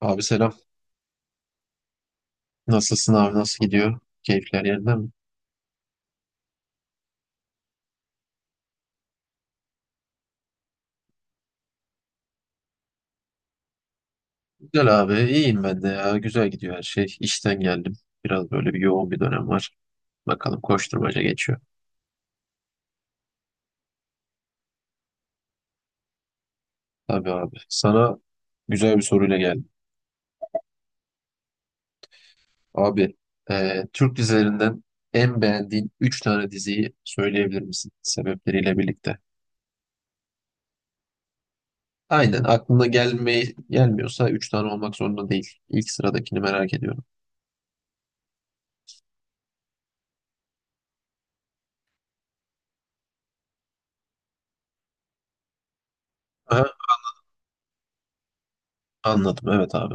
Abi selam. Nasılsın abi? Nasıl gidiyor? Keyifler yerinde mi? Güzel abi. İyiyim ben de ya. Güzel gidiyor her şey. İşten geldim. Biraz böyle bir yoğun bir dönem var. Bakalım koşturmaca geçiyor. Tabii abi. Sana güzel bir soruyla geldim. Abi Türk dizilerinden en beğendiğin 3 tane diziyi söyleyebilir misin? Sebepleriyle birlikte. Aynen. Aklına gelmiyorsa 3 tane olmak zorunda değil. İlk sıradakini merak ediyorum. Aha, anladım. Evet abi.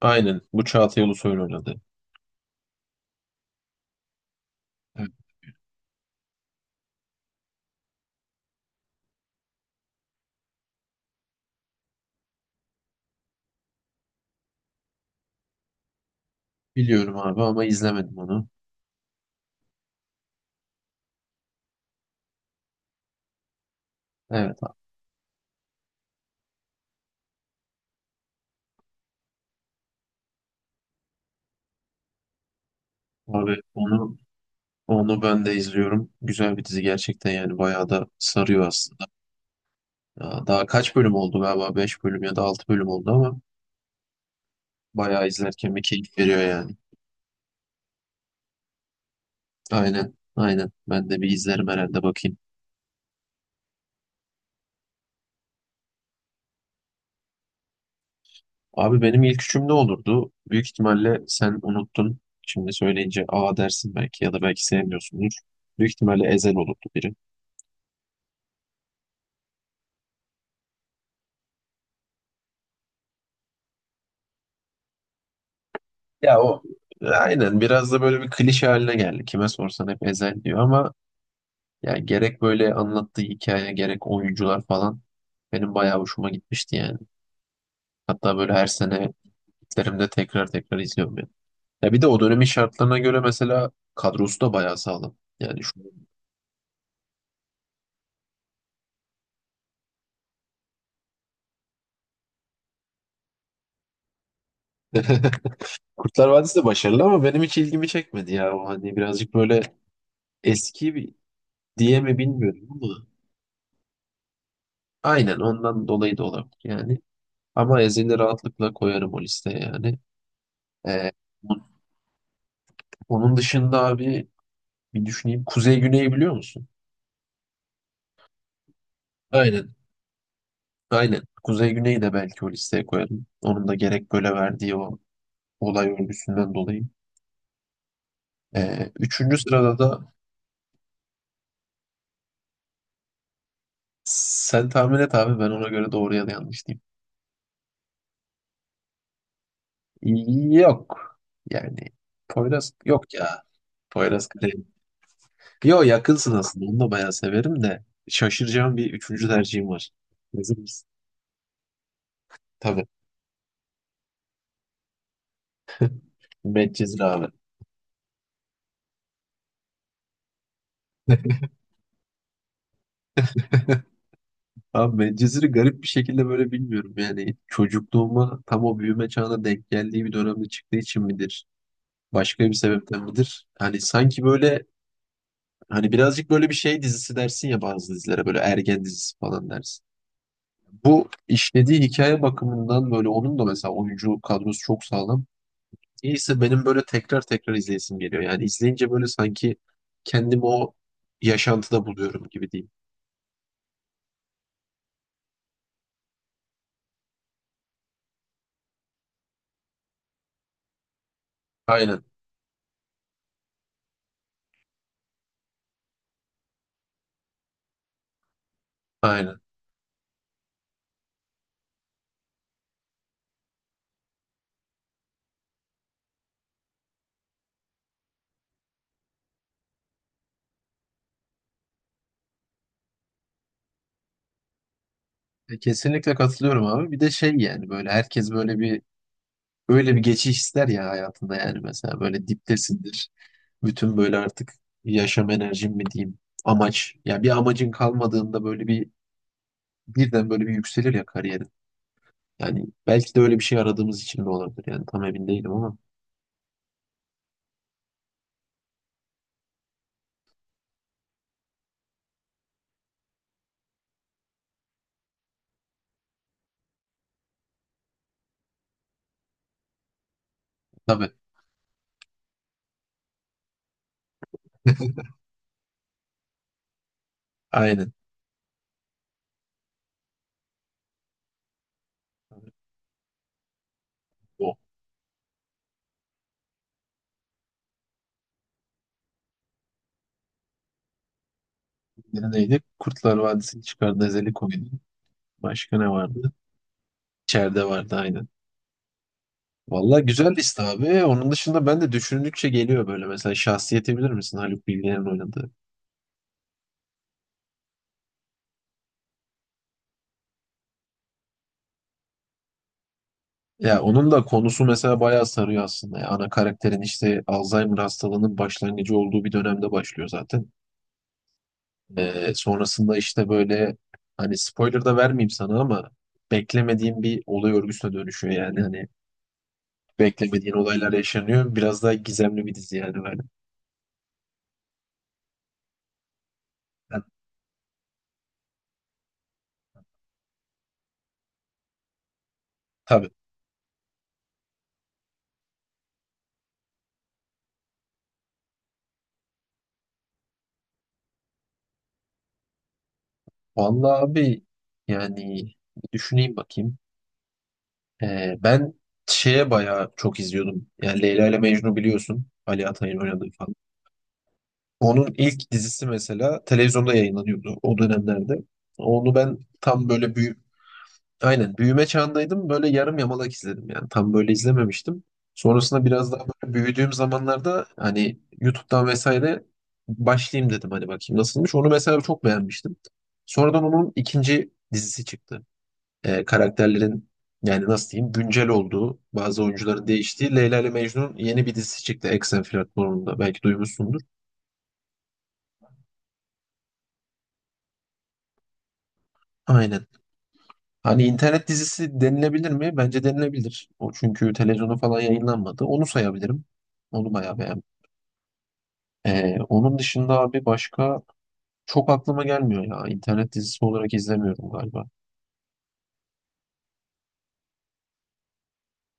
Aynen. Bu Çağatay Ulusoy'un oynadı. Biliyorum abi ama izlemedim onu. Evet abi. Onu onu ben de izliyorum. Güzel bir dizi gerçekten, yani bayağı da sarıyor aslında. Ya, daha kaç bölüm oldu galiba? Beş bölüm ya da 6 bölüm oldu ama bayağı izlerken bir keyif veriyor yani. Aynen, aynen, ben de bir izlerim herhalde bakayım. Abi benim ilk üçüm ne olurdu? Büyük ihtimalle sen unuttun. Şimdi söyleyince aa dersin belki, ya da belki sevmiyorsundur. Büyük ihtimalle Ezel olurdu biri. Ya o Aynen, biraz da böyle bir klişe haline geldi. Kime sorsan hep Ezel diyor ama yani, gerek böyle anlattığı hikaye, gerek oyuncular falan, benim bayağı hoşuma gitmişti yani. Hatta böyle her sene gitlerimde tekrar tekrar izliyorum yani. Ya bir de o dönemin şartlarına göre mesela kadrosu da bayağı sağlam. Yani şu... Kurtlar Vadisi de başarılı ama benim hiç ilgimi çekmedi ya. O hani birazcık böyle eski bir diye mi bilmiyorum ama, aynen, ondan dolayı da olabilir yani. Ama Ezel'i rahatlıkla koyarım o listeye yani. Ee, onun dışında abi, bir düşüneyim. Kuzey Güney'i biliyor musun? Aynen. Aynen. Kuzey Güney'i de belki o listeye koyarım. Onun da gerek böyle verdiği o olay örgüsünden dolayı. Üçüncü sırada da, sen tahmin et abi, ben ona göre doğru ya da yanlış diyeyim. Yok. Yani Poyraz yok ya. Poyraz Karayel. Yo, yakınsın aslında. Onu da bayağı severim de. Şaşıracağım bir üçüncü tercihim var. Hazır mısın? Tabii. Medcezir abi. Abi Medcezir'i garip bir şekilde böyle bilmiyorum. Yani çocukluğuma tam o büyüme çağına denk geldiği bir dönemde çıktığı için midir? Başka bir sebepten midir? Hani sanki böyle, hani birazcık böyle bir şey dizisi dersin ya, bazı dizilere böyle ergen dizisi falan dersin. Bu işlediği hikaye bakımından böyle, onun da mesela oyuncu kadrosu çok sağlam. Neyse, benim böyle tekrar tekrar izleyesim geliyor. Yani izleyince böyle sanki kendimi o yaşantıda buluyorum gibi diyeyim. Aynen, aynen. Kesinlikle katılıyorum abi. Bir de şey, yani böyle herkes böyle bir böyle bir geçiş ister ya hayatında, yani mesela böyle diptesindir. Bütün böyle artık yaşam enerjim mi diyeyim, amaç. Ya bir amacın kalmadığında böyle bir birden böyle bir yükselir ya kariyerin. Yani belki de öyle bir şey aradığımız için de olabilir. Yani tam emin değilim ama. Tabii, aynen. O biri neydi? Kurtlar Vadisi'nin çıkardığı Ezeli oyunu. Başka ne vardı? İçeride vardı aynen. Valla güzel liste abi. Onun dışında ben de düşündükçe geliyor böyle. Mesela Şahsiyet'i bilir misin? Haluk Bilginer'in oynadığı. Ya onun da konusu mesela bayağı sarıyor aslında. Ya, ana karakterin işte Alzheimer hastalığının başlangıcı olduğu bir dönemde başlıyor zaten. Sonrasında işte böyle, hani spoiler da vermeyeyim sana ama, beklemediğim bir olay örgüsüne dönüşüyor yani. Hani beklemediğin olaylar yaşanıyor. Biraz daha gizemli bir dizi yani böyle. Yani tabii. Vallahi abi, yani bir düşüneyim bakayım. Ben şeye bayağı çok izliyordum. Yani Leyla ile Mecnun biliyorsun. Ali Atay'ın oynadığı falan. Onun ilk dizisi mesela televizyonda yayınlanıyordu o dönemlerde. Onu ben tam böyle aynen büyüme çağındaydım. Böyle yarım yamalak izledim yani. Tam böyle izlememiştim. Sonrasında biraz daha böyle büyüdüğüm zamanlarda hani YouTube'dan vesaire başlayayım dedim, hani bakayım nasılmış. Onu mesela çok beğenmiştim. Sonradan onun ikinci dizisi çıktı. Karakterlerin yani, nasıl diyeyim, güncel olduğu, bazı oyuncuların değiştiği Leyla ile Mecnun yeni bir dizisi çıktı Eksen platformunda, belki duymuşsundur. Aynen. Hani internet dizisi denilebilir mi? Bence denilebilir. O çünkü televizyona falan yayınlanmadı. Onu sayabilirim. Onu bayağı beğendim. Onun dışında abi başka çok aklıma gelmiyor ya. İnternet dizisi olarak izlemiyorum galiba.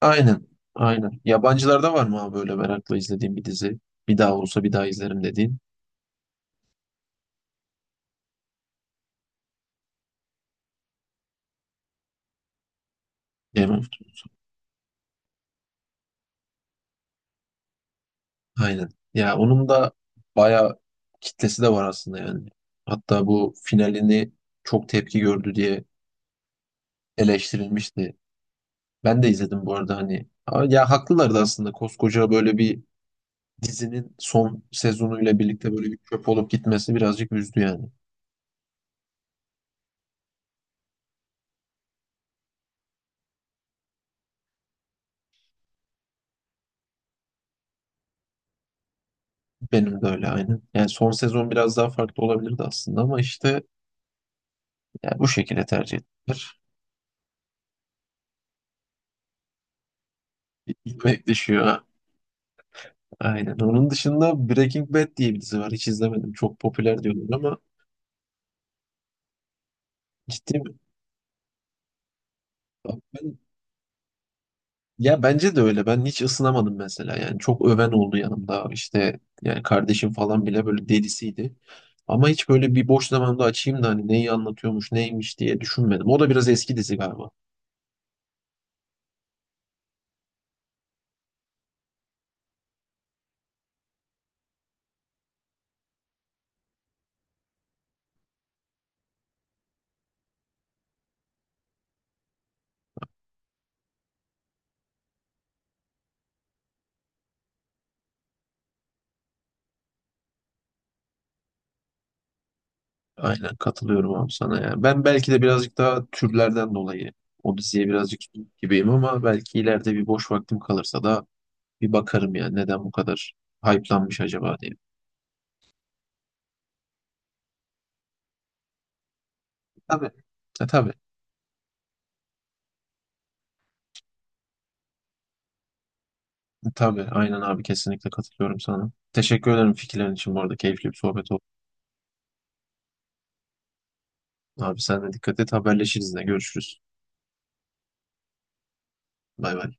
Aynen. Aynen. Yabancılarda var mı abi böyle merakla izlediğim bir dizi? Bir daha olsa bir daha izlerim dediğin. Game of Thrones. Aynen. Ya onun da bayağı kitlesi de var aslında yani. Hatta bu finalini çok tepki gördü diye eleştirilmişti. Ben de izledim bu arada hani. Aa, ya haklılardı aslında. Koskoca böyle bir dizinin son sezonuyla birlikte böyle bir çöp olup gitmesi birazcık üzdü yani. Benim de öyle aynı. Yani son sezon biraz daha farklı olabilirdi aslında ama işte, yani bu şekilde tercih ettiler. Gitmek düşüyor. Ha. Aynen. Onun dışında Breaking Bad diye bir dizi var. Hiç izlemedim. Çok popüler diyorlar ama, ciddi mi? Bak, Ben Ya bence de öyle. Ben hiç ısınamadım mesela. Yani çok öven oldu yanımda. İşte yani kardeşim falan bile böyle delisiydi. Ama hiç böyle bir boş zamanda açayım da hani neyi anlatıyormuş, neymiş diye düşünmedim. O da biraz eski dizi galiba. Aynen, katılıyorum abi sana ya. Ben belki de birazcık daha türlerden dolayı o diziye birazcık soğuk gibiyim, ama belki ileride bir boş vaktim kalırsa da bir bakarım ya, neden bu kadar hype'lanmış acaba diye. Tabii. Tabii. Tabii aynen abi, kesinlikle katılıyorum sana. Teşekkür ederim fikirlerin için, bu arada keyifli bir sohbet oldu. Abi sen de dikkat et, haberleşiriz, yine görüşürüz. Bay bay.